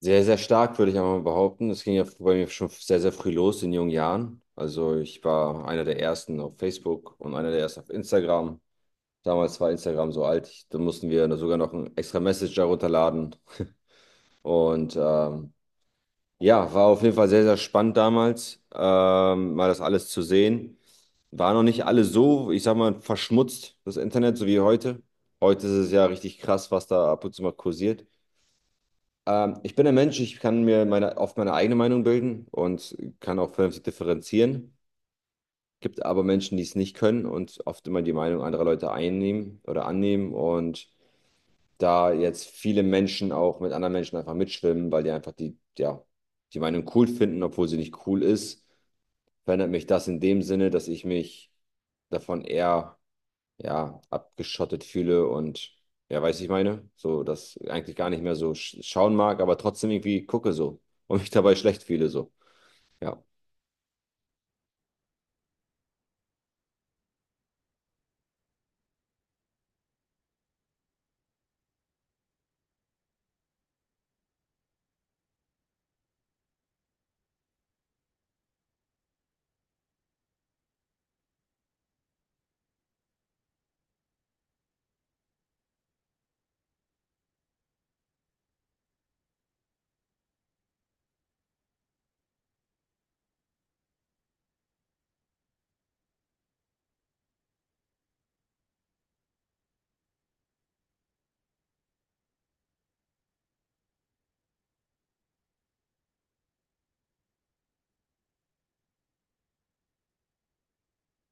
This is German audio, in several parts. Sehr, sehr stark, würde ich einmal behaupten. Das ging ja bei mir schon sehr, sehr früh los in jungen Jahren. Also ich war einer der ersten auf Facebook und einer der ersten auf Instagram. Damals war Instagram so alt, ich, da mussten wir sogar noch einen extra Messenger runterladen. Und ja, war auf jeden Fall sehr, sehr spannend damals, mal das alles zu sehen. War noch nicht alles so, ich sag mal, verschmutzt, das Internet, so wie heute. Heute ist es ja richtig krass, was da ab und zu mal kursiert. Ich bin ein Mensch, ich kann mir meine, oft meine eigene Meinung bilden und kann auch vernünftig differenzieren. Gibt aber Menschen, die es nicht können und oft immer die Meinung anderer Leute einnehmen oder annehmen. Und da jetzt viele Menschen auch mit anderen Menschen einfach mitschwimmen, weil die einfach die, ja, die Meinung cool finden, obwohl sie nicht cool ist, verändert mich das in dem Sinne, dass ich mich davon eher ja, abgeschottet fühle und ja, weiß ich meine, so das eigentlich gar nicht mehr so schauen mag, aber trotzdem irgendwie gucke so und mich dabei schlecht fühle so. Ja.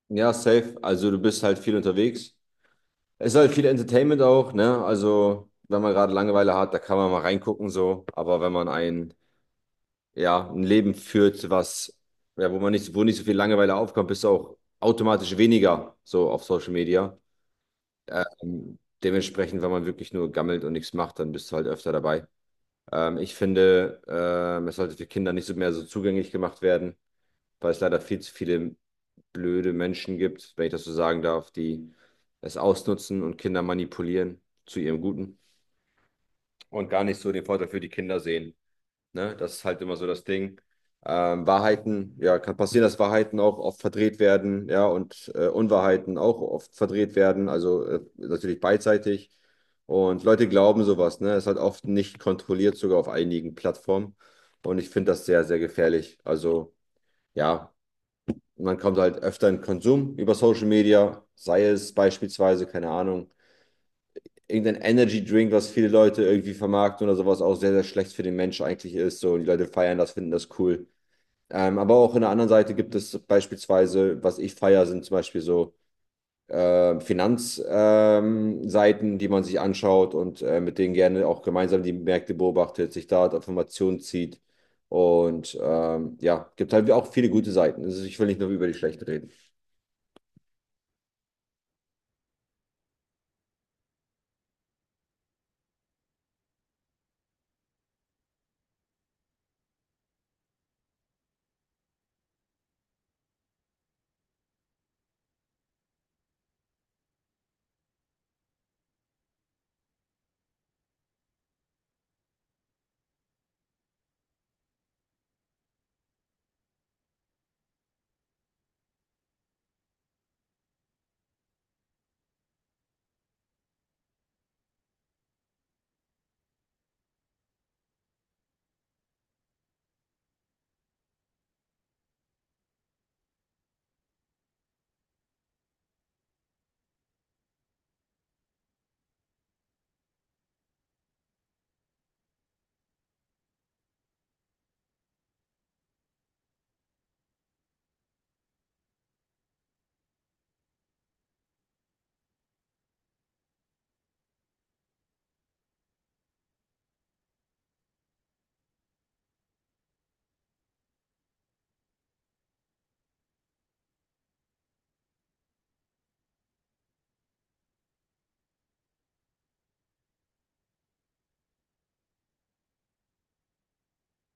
Ja, safe. Also du bist halt viel unterwegs. Es ist halt viel Entertainment auch, ne? Also, wenn man gerade Langeweile hat, da kann man mal reingucken so, aber wenn man ein ja, ein Leben führt, was ja, wo nicht so viel Langeweile aufkommt, bist du auch automatisch weniger so auf Social Media. Dementsprechend, wenn man wirklich nur gammelt und nichts macht, dann bist du halt öfter dabei. Ich finde, es sollte für Kinder nicht so mehr so zugänglich gemacht werden, weil es leider viel zu viele blöde Menschen gibt, wenn ich das so sagen darf, die es ausnutzen und Kinder manipulieren zu ihrem Guten und gar nicht so den Vorteil für die Kinder sehen. Ne? Das ist halt immer so das Ding. Wahrheiten, ja, kann passieren, dass Wahrheiten auch oft verdreht werden, ja, und Unwahrheiten auch oft verdreht werden, also natürlich beidseitig. Und Leute glauben sowas, ne? Ist halt oft nicht kontrolliert, sogar auf einigen Plattformen. Und ich finde das sehr, sehr gefährlich. Also, ja, man kommt halt öfter in Konsum über Social Media, sei es beispielsweise, keine Ahnung, irgendein Energy Drink, was viele Leute irgendwie vermarkten oder sowas, auch sehr, sehr schlecht für den Mensch eigentlich ist. So, und die Leute feiern das, finden das cool. Aber auch in der anderen Seite gibt es beispielsweise, was ich feiere, sind zum Beispiel so Finanzseiten, die man sich anschaut und mit denen gerne auch gemeinsam die Märkte beobachtet, sich da Informationen zieht. Und ja, gibt halt auch viele gute Seiten. Also ich will nicht nur über die schlechten reden.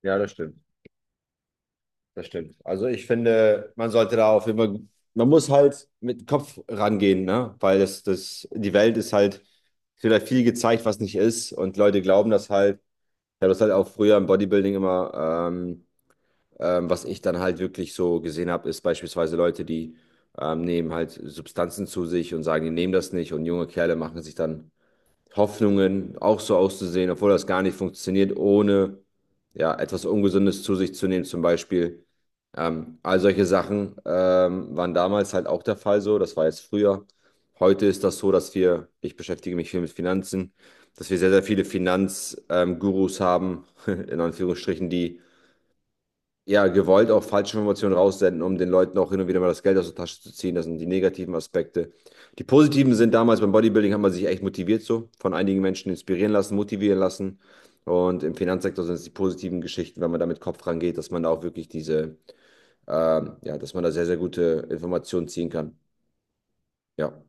Ja, das stimmt. Das stimmt. Also ich finde, man sollte da auf jeden man muss halt mit Kopf rangehen, ne? Weil die Welt ist halt, es wird halt viel gezeigt, was nicht ist. Und Leute glauben das halt. Ich habe das halt auch früher im Bodybuilding immer, was ich dann halt wirklich so gesehen habe, ist beispielsweise Leute, die nehmen halt Substanzen zu sich und sagen, die nehmen das nicht. Und junge Kerle machen sich dann Hoffnungen, auch so auszusehen, obwohl das gar nicht funktioniert, ohne ja, etwas Ungesundes zu sich zu nehmen, zum Beispiel. All solche Sachen waren damals halt auch der Fall so, das war jetzt früher. Heute ist das so, dass wir, ich beschäftige mich viel mit Finanzen, dass wir sehr, sehr viele Finanzgurus Gurus haben, in Anführungsstrichen, die ja, gewollt auch falsche Informationen raussenden, um den Leuten auch hin und wieder mal das Geld aus der Tasche zu ziehen. Das sind die negativen Aspekte. Die positiven sind damals beim Bodybuilding hat man sich echt motiviert so, von einigen Menschen inspirieren lassen, motivieren lassen. Und im Finanzsektor sind es die positiven Geschichten, wenn man da mit Kopf rangeht, dass man da auch wirklich diese, ja, dass man da sehr, sehr gute Informationen ziehen kann. Ja.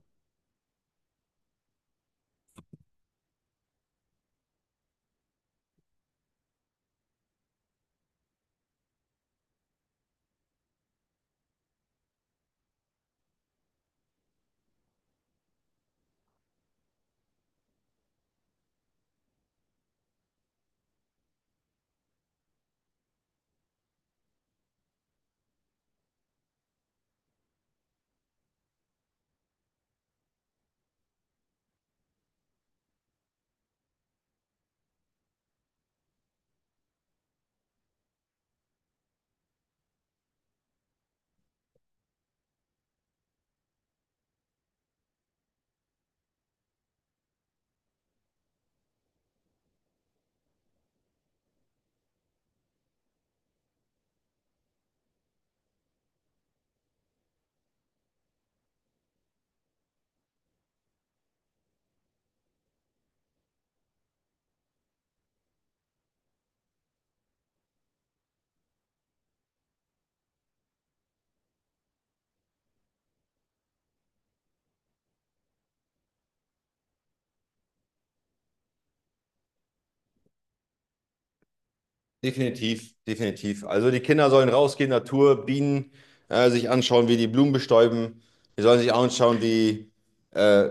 Definitiv, definitiv. Also die Kinder sollen rausgehen, Natur, Bienen, sich anschauen, wie die Blumen bestäuben. Die sollen sich anschauen, wie äh,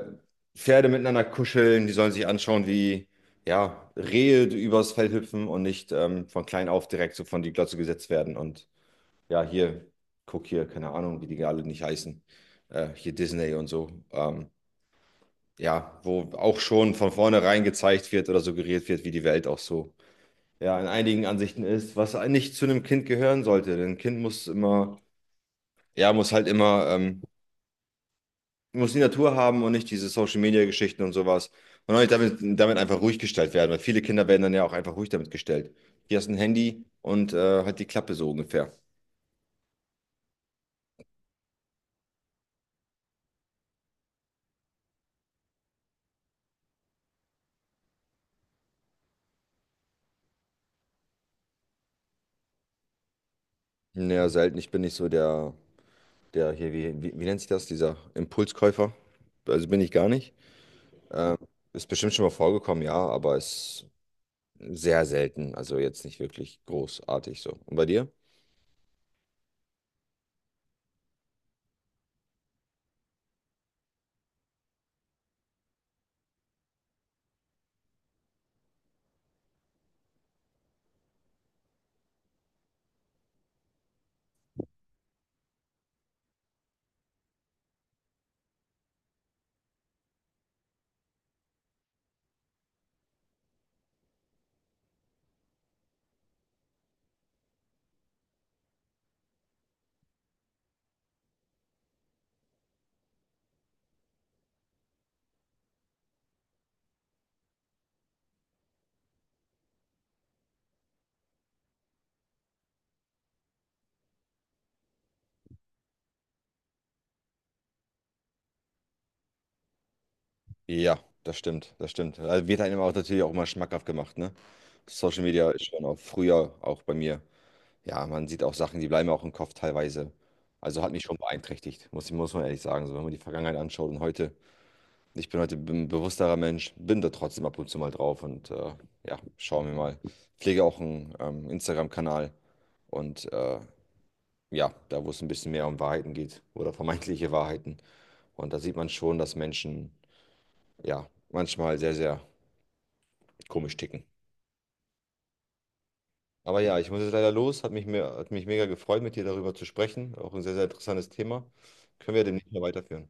Pferde miteinander kuscheln. Die sollen sich anschauen, wie ja, Rehe übers Feld hüpfen und nicht von klein auf direkt so von die Glotze gesetzt werden. Und ja, hier, guck hier, keine Ahnung, wie die alle nicht heißen. Hier Disney und so. Ja, wo auch schon von vornherein gezeigt wird oder suggeriert wird, wie die Welt auch so ja, in einigen Ansichten ist, was nicht zu einem Kind gehören sollte. Denn ein Kind muss immer, ja, muss halt immer, muss die Natur haben und nicht diese Social-Media-Geschichten und sowas. Und auch nicht damit einfach ruhig gestellt werden, weil viele Kinder werden dann ja auch einfach ruhig damit gestellt. Hier hast du ein Handy und halt die Klappe so ungefähr. Naja, selten. Ich bin nicht so der, der hier, wie nennt sich das, dieser Impulskäufer. Also bin ich gar nicht. Ähm, Ist bestimmt schon mal vorgekommen, ja, aber ist sehr selten. Also jetzt nicht wirklich großartig so. Und bei dir? Ja, das stimmt, das stimmt. Also wird einem auch natürlich auch immer schmackhaft gemacht, ne? Social Media ist schon auch früher auch bei mir. Ja, man sieht auch Sachen, die bleiben auch im Kopf teilweise. Also hat mich schon beeinträchtigt, muss man ehrlich sagen. So, wenn man die Vergangenheit anschaut und heute, ich bin heute ein bewussterer Mensch, bin da trotzdem ab und zu mal drauf und ja, schauen wir mal. Pflege auch einen Instagram-Kanal und ja, da wo es ein bisschen mehr um Wahrheiten geht oder vermeintliche Wahrheiten. Und da sieht man schon, dass Menschen ja manchmal sehr, sehr komisch ticken. Aber ja, ich muss jetzt leider los. Hat mich, mir, hat mich mega gefreut, mit dir darüber zu sprechen. Auch ein sehr, sehr interessantes Thema. Können wir demnächst mal weiterführen.